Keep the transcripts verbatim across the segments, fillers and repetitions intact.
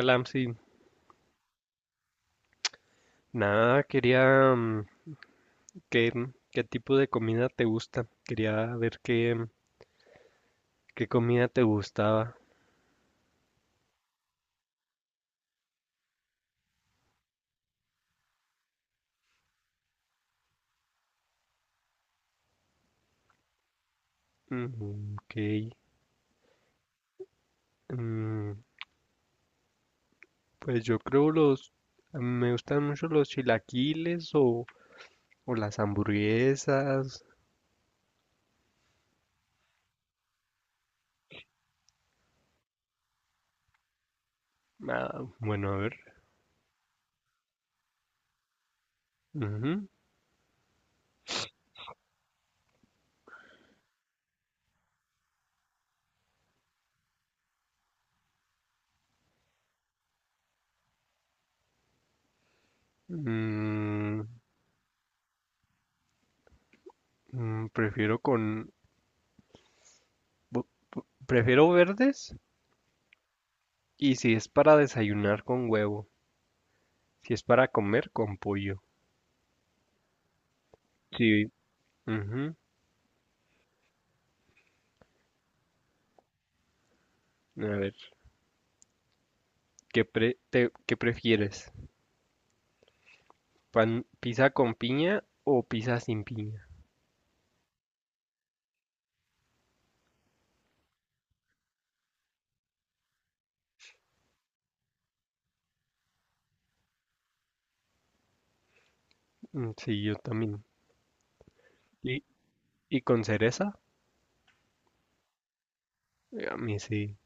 Alam, sí. Nada, quería mm, qué, qué tipo de comida te gusta. Quería ver qué, qué comida te gustaba. Mm, ok. Mm, pues yo creo los... Me gustan mucho los chilaquiles o, o las hamburguesas. Ah, bueno, a ver. Ujú. Mm, mm, prefiero con... bu- bu- Prefiero verdes y si es para desayunar con huevo. Si es para comer con pollo. Sí. Ujú. A ver, ¿qué, pre- te- ¿qué prefieres? ¿Pan, pizza con piña o pizza sin piña? Mm, sí, yo también. ¿Y, y con cereza? Eh, A mí sí.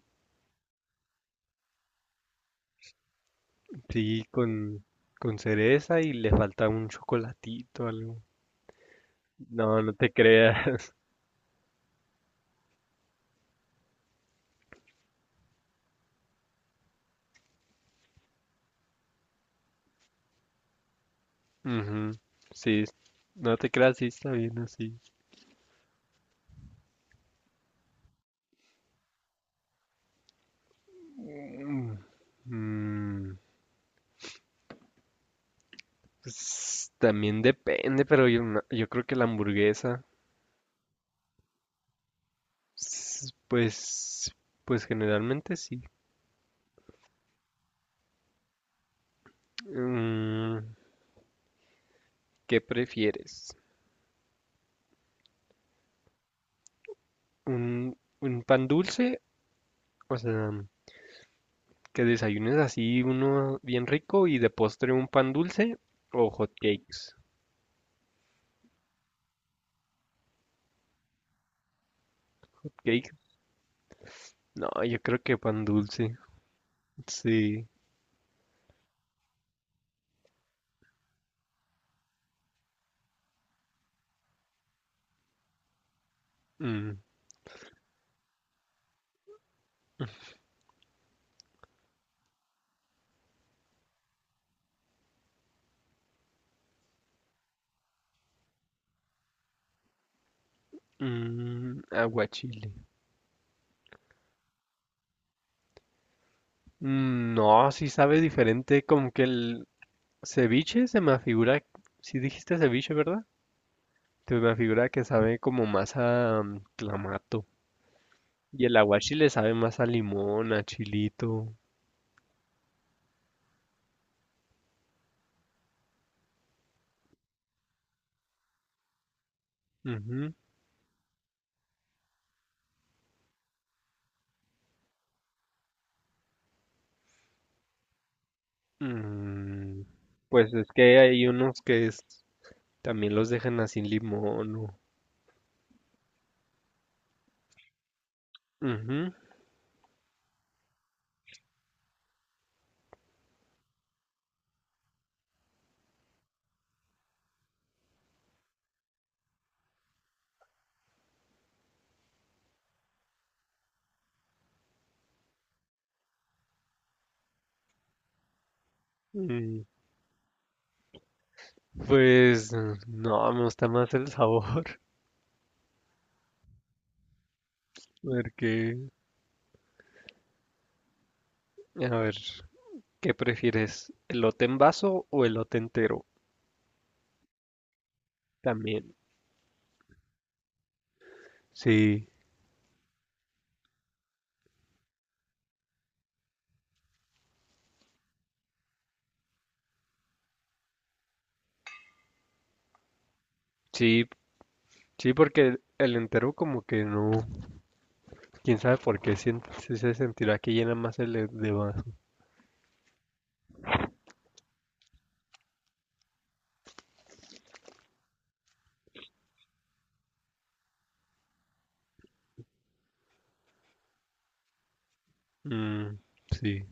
Sí, con, con cereza y le falta un chocolatito, algo. No, no te creas. Ujú, sí, no te creas, sí está bien así. Mm, mm, pues, también depende, pero yo, no- yo creo que la hamburguesa, s- pues, pues generalmente sí. Mm, ¿qué prefieres? ¿Un, un pan dulce? O sea, que desayunes así uno bien rico y de postre un pan dulce o hot cakes. ¿Cake? No, yo creo que pan dulce. Sí. Mm, mm, aguachile. Mm, no, sí sabe diferente. Como que el ceviche se me afigura. Si dijiste ceviche, ¿verdad? Se me afigura que sabe como más a mm, clamato. Y el aguachile sabe más a limón, a chilito. Ujú. Mm, pues es que hay unos que es- también los dejan así limón. O- Ujú. Mm, pues no, me gusta más el sabor. Porque, a ver, ¿qué prefieres? ¿Elote en vaso o elote entero? También. Sí, sí, sí, porque el entero como que no. ¿Quién sabe por qué? sien- sí se sentirá que llena más el de de vaso. Mm, sí.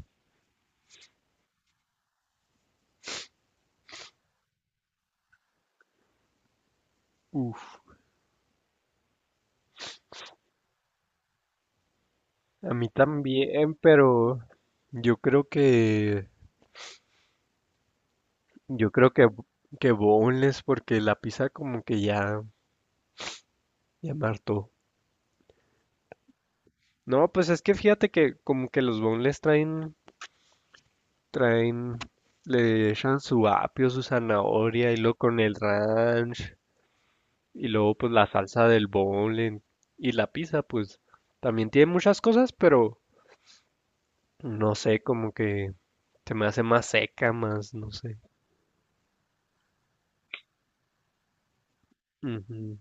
Uf. A mí también, pero yo creo que yo creo que que boneless porque la pizza como que ya ya me hartó. No, pues es que fíjate que como que los boneless traen traen le echan su apio, su zanahoria y luego con el ranch y luego pues la salsa del boneless y la pizza pues también tiene muchas cosas, pero no sé, como que se me hace más seca, más no sé. Ujú,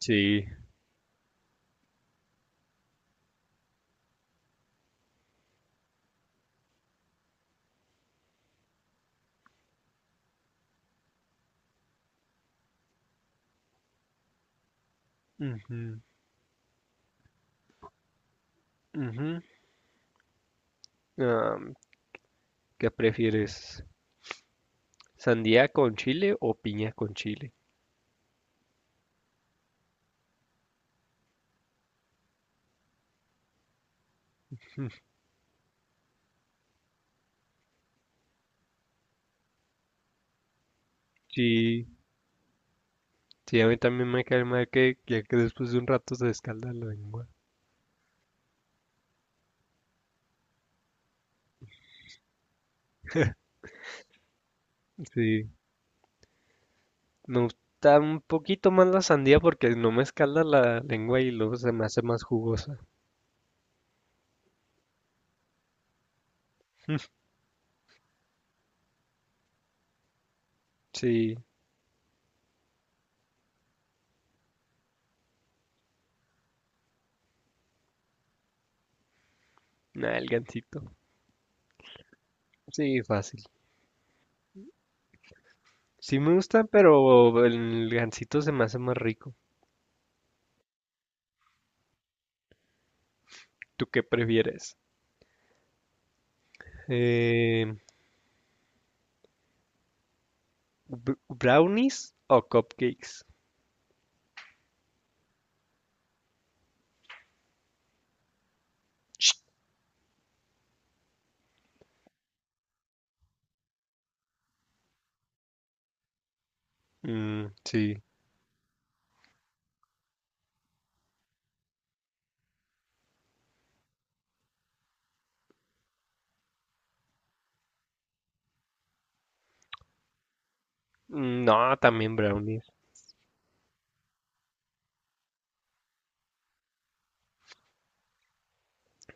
sí. Ujú. Ujú. Am, ¿qué prefieres? ¿Sandía con chile o piña con chile? Sí, sí, a mí también me cae mal que, que, que después de un rato se escalda la lengua. Sí, me gusta un poquito más la sandía porque no me escalda la lengua y luego se me hace más jugosa. Sí, nada, el gansito. Sí, fácil. Sí me gusta, pero el gansito se me hace más rico. ¿Tú qué prefieres? Eh, br- ¿brownies o cupcakes? Mm, sí. Mm, no, también brownies.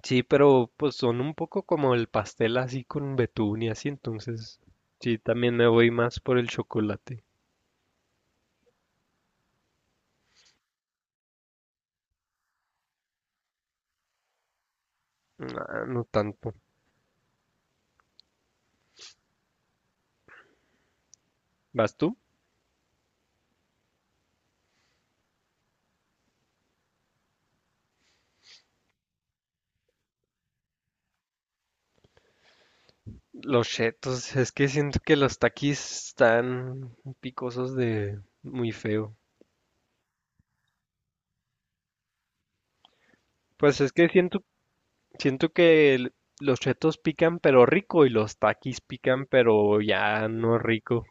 Sí, pero pues son un poco como el pastel así con betún y así, entonces sí, también me voy más por el chocolate. Ah, no tanto. ¿Vas tú? Los chetos, es que siento que los taquis están picosos de muy feo. Pues es que siento, siento que el- los chetos pican pero rico y los taquis pican pero ya no rico.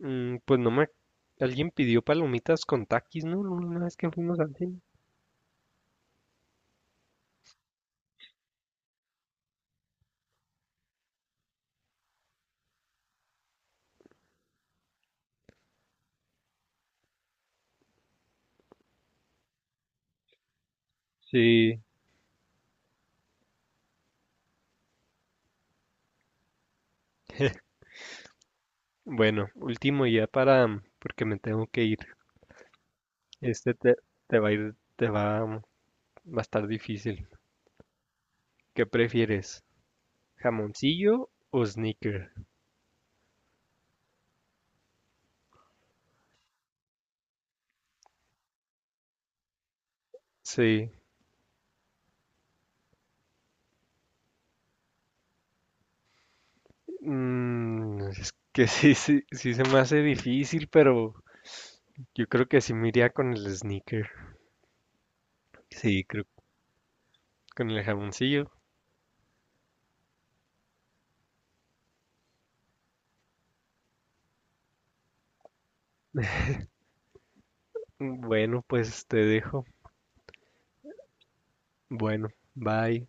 Mm, pues no me... Alguien pidió palomitas con taquis, ¿no? Una vez que fuimos al cine. Sí. Bueno, último ya para, porque me tengo que ir. Este te, te va a ir, te va, a- va a estar difícil. ¿Qué prefieres? ¿Jamoncillo o sneaker? Sí, mm, es que sí, sí, sí se me hace difícil, pero yo creo que sí me iría con el sneaker. Sí, creo que con el jamoncillo. Mm, bueno, pues te dejo. Bueno, bye.